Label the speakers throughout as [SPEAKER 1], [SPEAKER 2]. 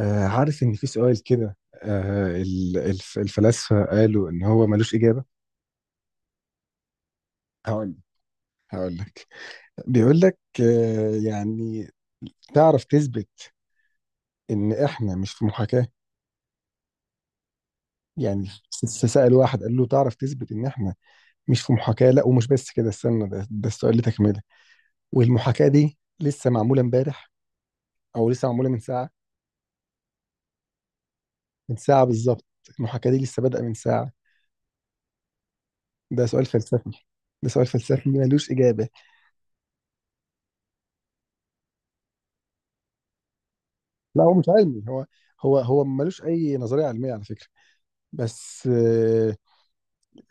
[SPEAKER 1] عارف ان في سؤال كده. الفلاسفه قالوا ان هو ملوش اجابه. هقول هقول لك. بيقول لك يعني تعرف تثبت ان احنا مش في محاكاه. يعني سأل واحد قال له: تعرف تثبت ان احنا مش في محاكاه؟ لا، ومش بس كده، استنى. ده السؤال اللي تكمله. والمحاكاه دي لسه معموله امبارح، او لسه معموله من ساعه. من ساعه بالظبط. المحاكاه دي لسه بادئه من ساعه. ده سؤال فلسفي. ده سؤال فلسفي ملوش اجابه. لا، هو مش علمي. هو ملوش اي نظريه علميه على فكره. بس،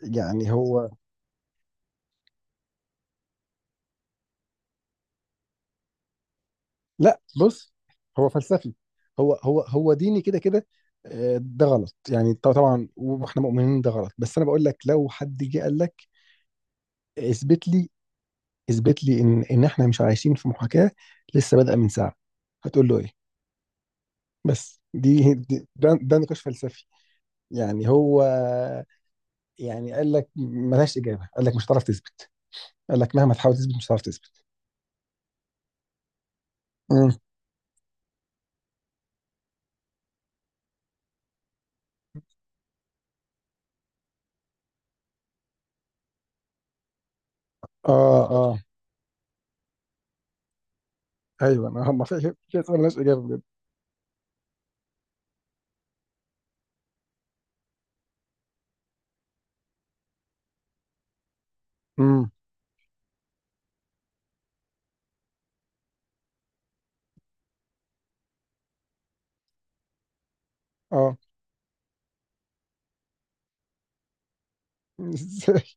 [SPEAKER 1] يعني هو. لا، بص، هو فلسفي، هو ديني كده كده. ده غلط يعني، طبعا واحنا مؤمنين ده غلط، بس انا بقول لك لو حد جه قال لك: اثبت لي، اثبت لي ان احنا مش عايشين في محاكاه لسه بادئه من ساعه، هتقول له ايه؟ بس ده نقاش فلسفي. يعني هو، يعني قال لك ملهاش اجابه، قال لك مش هتعرف تثبت، قال لك مهما تحاول تثبت مش هتعرف تثبت. مم. اه، اه، ايوه، انا هم في اسئله ملهاش اجابه بجد. امم. اه. ازاي؟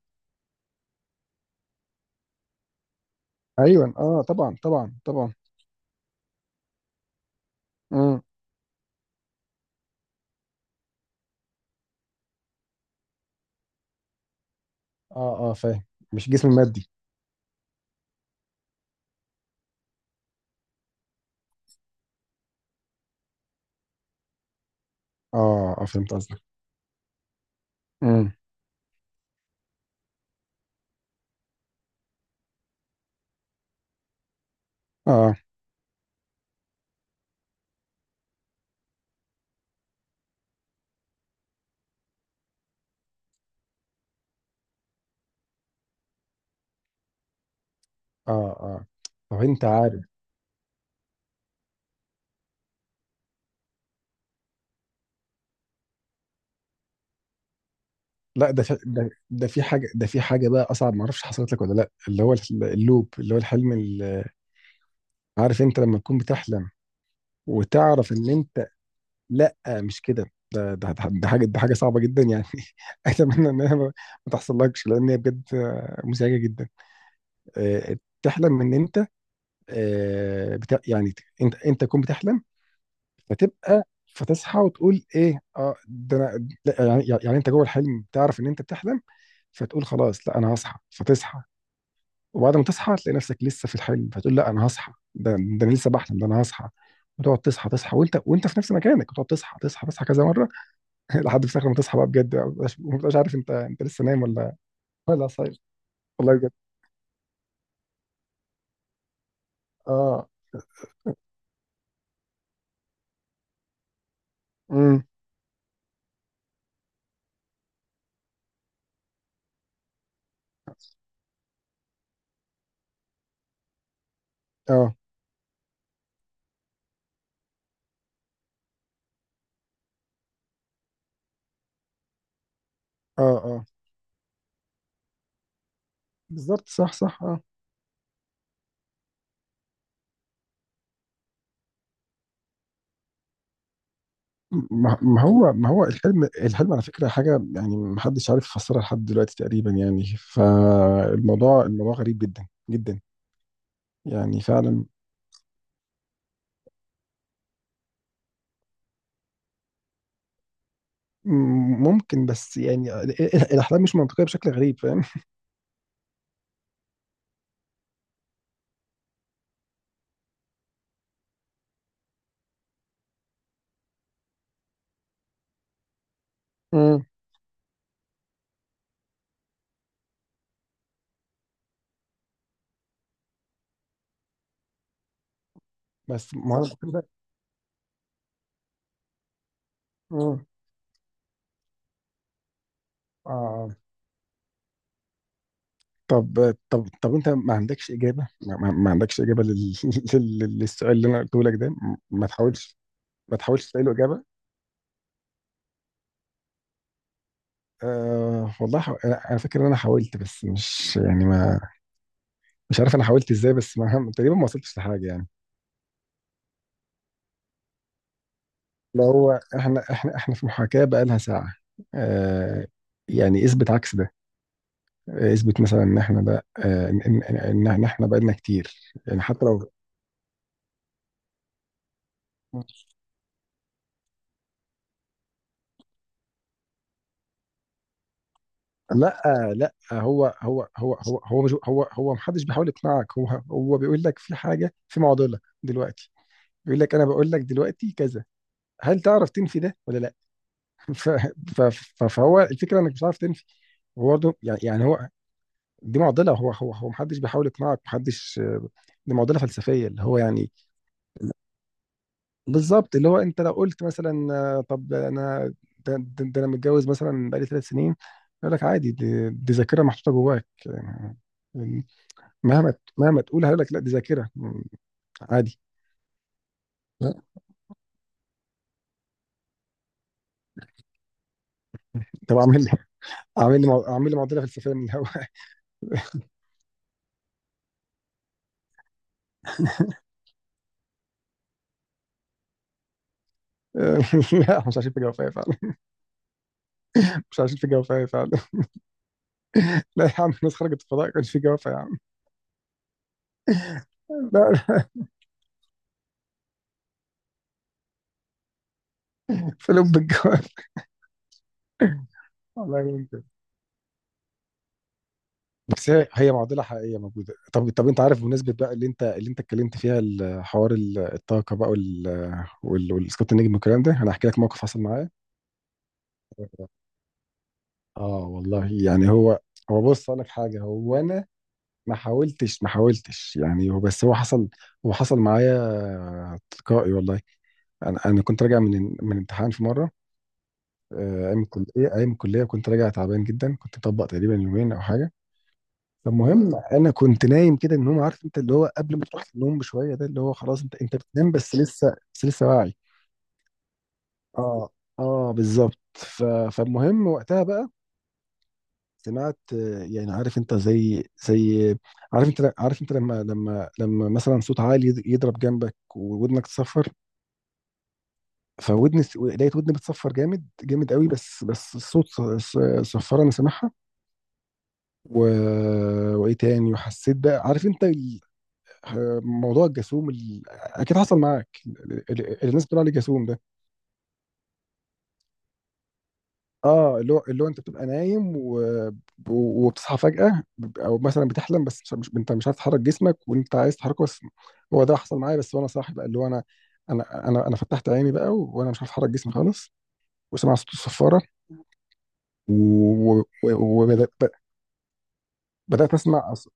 [SPEAKER 1] ايوه، اه، طبعا طبعا طبعا. امم. اه، اه، فاهم. مش جسم مادي. اه، اه، فهمت قصدك. امم. اه، اه، اه. طب انت عارف؟ لا، ده في حاجه بقى اصعب، ما اعرفش حصلت لك ولا لا، اللي هو اللوب، اللي هو الحلم عارف انت لما تكون بتحلم وتعرف ان انت... لا، مش كده. ده حاجه صعبه جدا يعني. اتمنى انها ما تحصلكش، لان هي بجد مزعجه جدا. آه، تحلم ان انت... يعني، انت تكون بتحلم، فتبقى، فتصحى وتقول: ايه، اه، ده انا. لا، يعني انت جوه الحلم تعرف ان انت بتحلم، فتقول: خلاص، لا، انا هصحى، فتصحى. وبعد ما تصحى تلاقي نفسك لسه في الحلم، فتقول: لا، انا هصحى، ده انا لسه بحلم، ده انا هصحى. وتقعد تصحى تصحى، وانت في نفس مكانك، وتقعد تصحى تصحى تصحى كذا مره. لحد في الاخر ما تصحى بقى بجد بقى، ما بتبقاش عارف، انت لسه نايم ولا، ولا صايم. والله بجد. اه. امم. اه، اه. اه بالظبط، صح صح، اه. ما هو الحلم. الحلم على فكره حاجه يعني، ما حدش عارف يفسرها لحد دلوقتي تقريبا يعني، فالموضوع، الموضوع غريب جدا جدا، يعني فعلا. مم، ممكن، بس يعني الاحلام مش منطقيه بشكل غريب، فاهم؟ مم. بس ما هو المفروض مم. اه. طب، انت ما عندكش اجابه؟ ما عندكش اجابه للسؤال اللي انا قلته لك ده؟ ما تحاولش، ما تحاولش تلاقي له اجابه. أه والله، حو... انا أنا فاكر ان انا حاولت بس مش يعني ما، مش عارف انا حاولت ازاي، بس ما... تقريبا ما وصلتش لحاجه يعني. اللي هو احنا، احنا في محاكاه بقى لها ساعه. أه، يعني اثبت عكس ده. اثبت مثلا ان احنا ده، ان إن احنا بقالنا كتير. يعني حتى لو... لا، لا، هو مش، هو محدش بيحاول يقنعك، هو. هو بيقول لك في حاجه، في معضله دلوقتي. بيقول لك: انا بقول لك دلوقتي كذا، هل تعرف تنفي ده ولا لا؟ ف- ف- فهو الفكره انك مش عارف تنفي. هو برضه، يعني هو، دي معضله. هو محدش بيحاول يقنعك، محدش. دي معضله فلسفيه، اللي هو يعني. بالظبط، اللي هو انت لو قلت مثلا طب انا، ده انا متجوز مثلا بقالي 3 سنين، يقول لك: عادي، دي ذاكره محطوطه جواك. يعني مهما تقول هيقول لك: لا، دي ذاكره، عادي. لا، طب اعمل لي معضله فلسفيه من الهواء. لا، مش عايشين في جوافه فعلا. مش عايشين في جوافه فعلا. لا يا عم، الناس خرجت الفضاء، كانش في جوافه يا عم. لا، لا. في لب الجوافه. والله ممكن. بس هي معضله حقيقيه موجوده. طب، طب انت عارف، بمناسبه بقى اللي انت اتكلمت فيها حوار الطاقه بقى، والسكوت النجم والكلام ده، انا هحكي لك موقف حصل معايا. اه والله، يعني هو، هو بص، اقول لك حاجه. هو انا ما حاولتش يعني، هو بس هو حصل، هو حصل معايا تلقائي والله. انا كنت راجع من امتحان في مره، آه، ايام الكليه، كنت راجع تعبان جدا، كنت مطبق تقريبا يومين او حاجه. فالمهم، انا كنت نايم كده، ان هم، عارف انت اللي هو قبل ما تروح النوم بشويه، ده اللي هو خلاص، انت بتنام، بس لسه واعي. اه، اه، بالظبط. فالمهم وقتها بقى سمعت يعني عارف انت، زي، عارف انت لما مثلا صوت عالي يضرب جنبك وودنك تصفر، فودني لقيت ودني بتصفر جامد جامد قوي، بس الصوت صفر، انا سامعها. و... وايه تاني، وحسيت بقى، عارف انت موضوع الجاسوم، اكيد حصل معاك، اللي الناس بتقول عليه جاسوم ده. اه، اللي هو انت بتبقى نايم وبتصحى فجأة، او مثلا بتحلم بس مش... مش... انت مش عارف تحرك جسمك وانت عايز تحركه، بس هو ده حصل معايا، بس وانا صاحي بقى، اللي هو انا، انا فتحت عيني بقى وانا مش عارف احرك جسمي خالص، وسمع صوت الصفارة، وبدأت و... و... وبدأت- ب- بدأت اسمع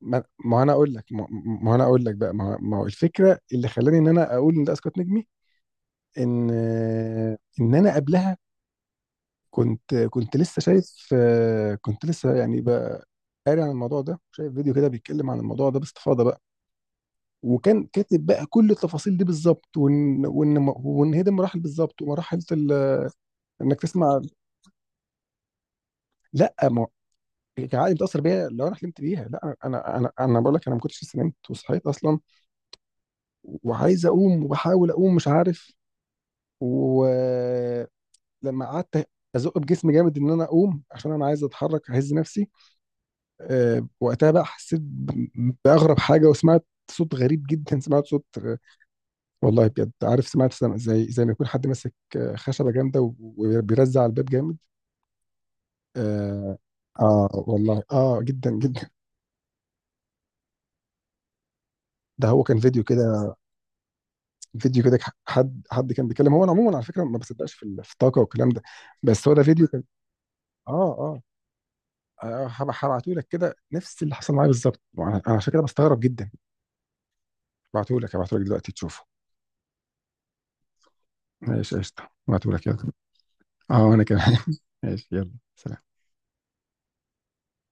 [SPEAKER 1] ما انا اقول لك ما انا اقول لك بقى، ما هو الفكرة اللي خلاني ان انا اقول ان ده اسقاط نجمي، ان انا قبلها كنت لسه شايف، كنت لسه يعني قاري عن الموضوع ده، شايف فيديو كده بيتكلم عن الموضوع ده باستفاضه بقى، وكان كاتب بقى كل التفاصيل دي بالظبط، وان وان هي دي المراحل بالظبط، ومراحل انك تسمع. لا، ما هو العقل متاثر بيها لو انا حلمت بيها. لا، انا بقول لك: انا ما كنتش لسه نمت وصحيت اصلا، وعايز اقوم وبحاول اقوم، مش عارف. ولما قعدت ازق بجسمي جامد ان انا اقوم، عشان انا عايز اتحرك اهز نفسي، أه وقتها بقى حسيت باغرب حاجه، وسمعت صوت غريب جدا، سمعت صوت. والله بجد، عارف، سمعت زي ما يكون حد ماسك خشبه جامده وبيرزع على الباب جامد. اه. آه والله، اه جدا جدا. ده هو كان فيديو كده، فيديو كده، حد كان بيتكلم. هو انا عموما على فكره ما بصدقش في في الطاقه والكلام ده، بس هو ده فيديو كان. اه، اه. هبعته لك كده نفس اللي حصل معايا بالظبط، انا عشان كده بستغرب جدا. هبعته لك دلوقتي تشوفه. ماشي قشطه، هبعته لك، يلا. اه وانا كمان. ماشي، يلا سلام.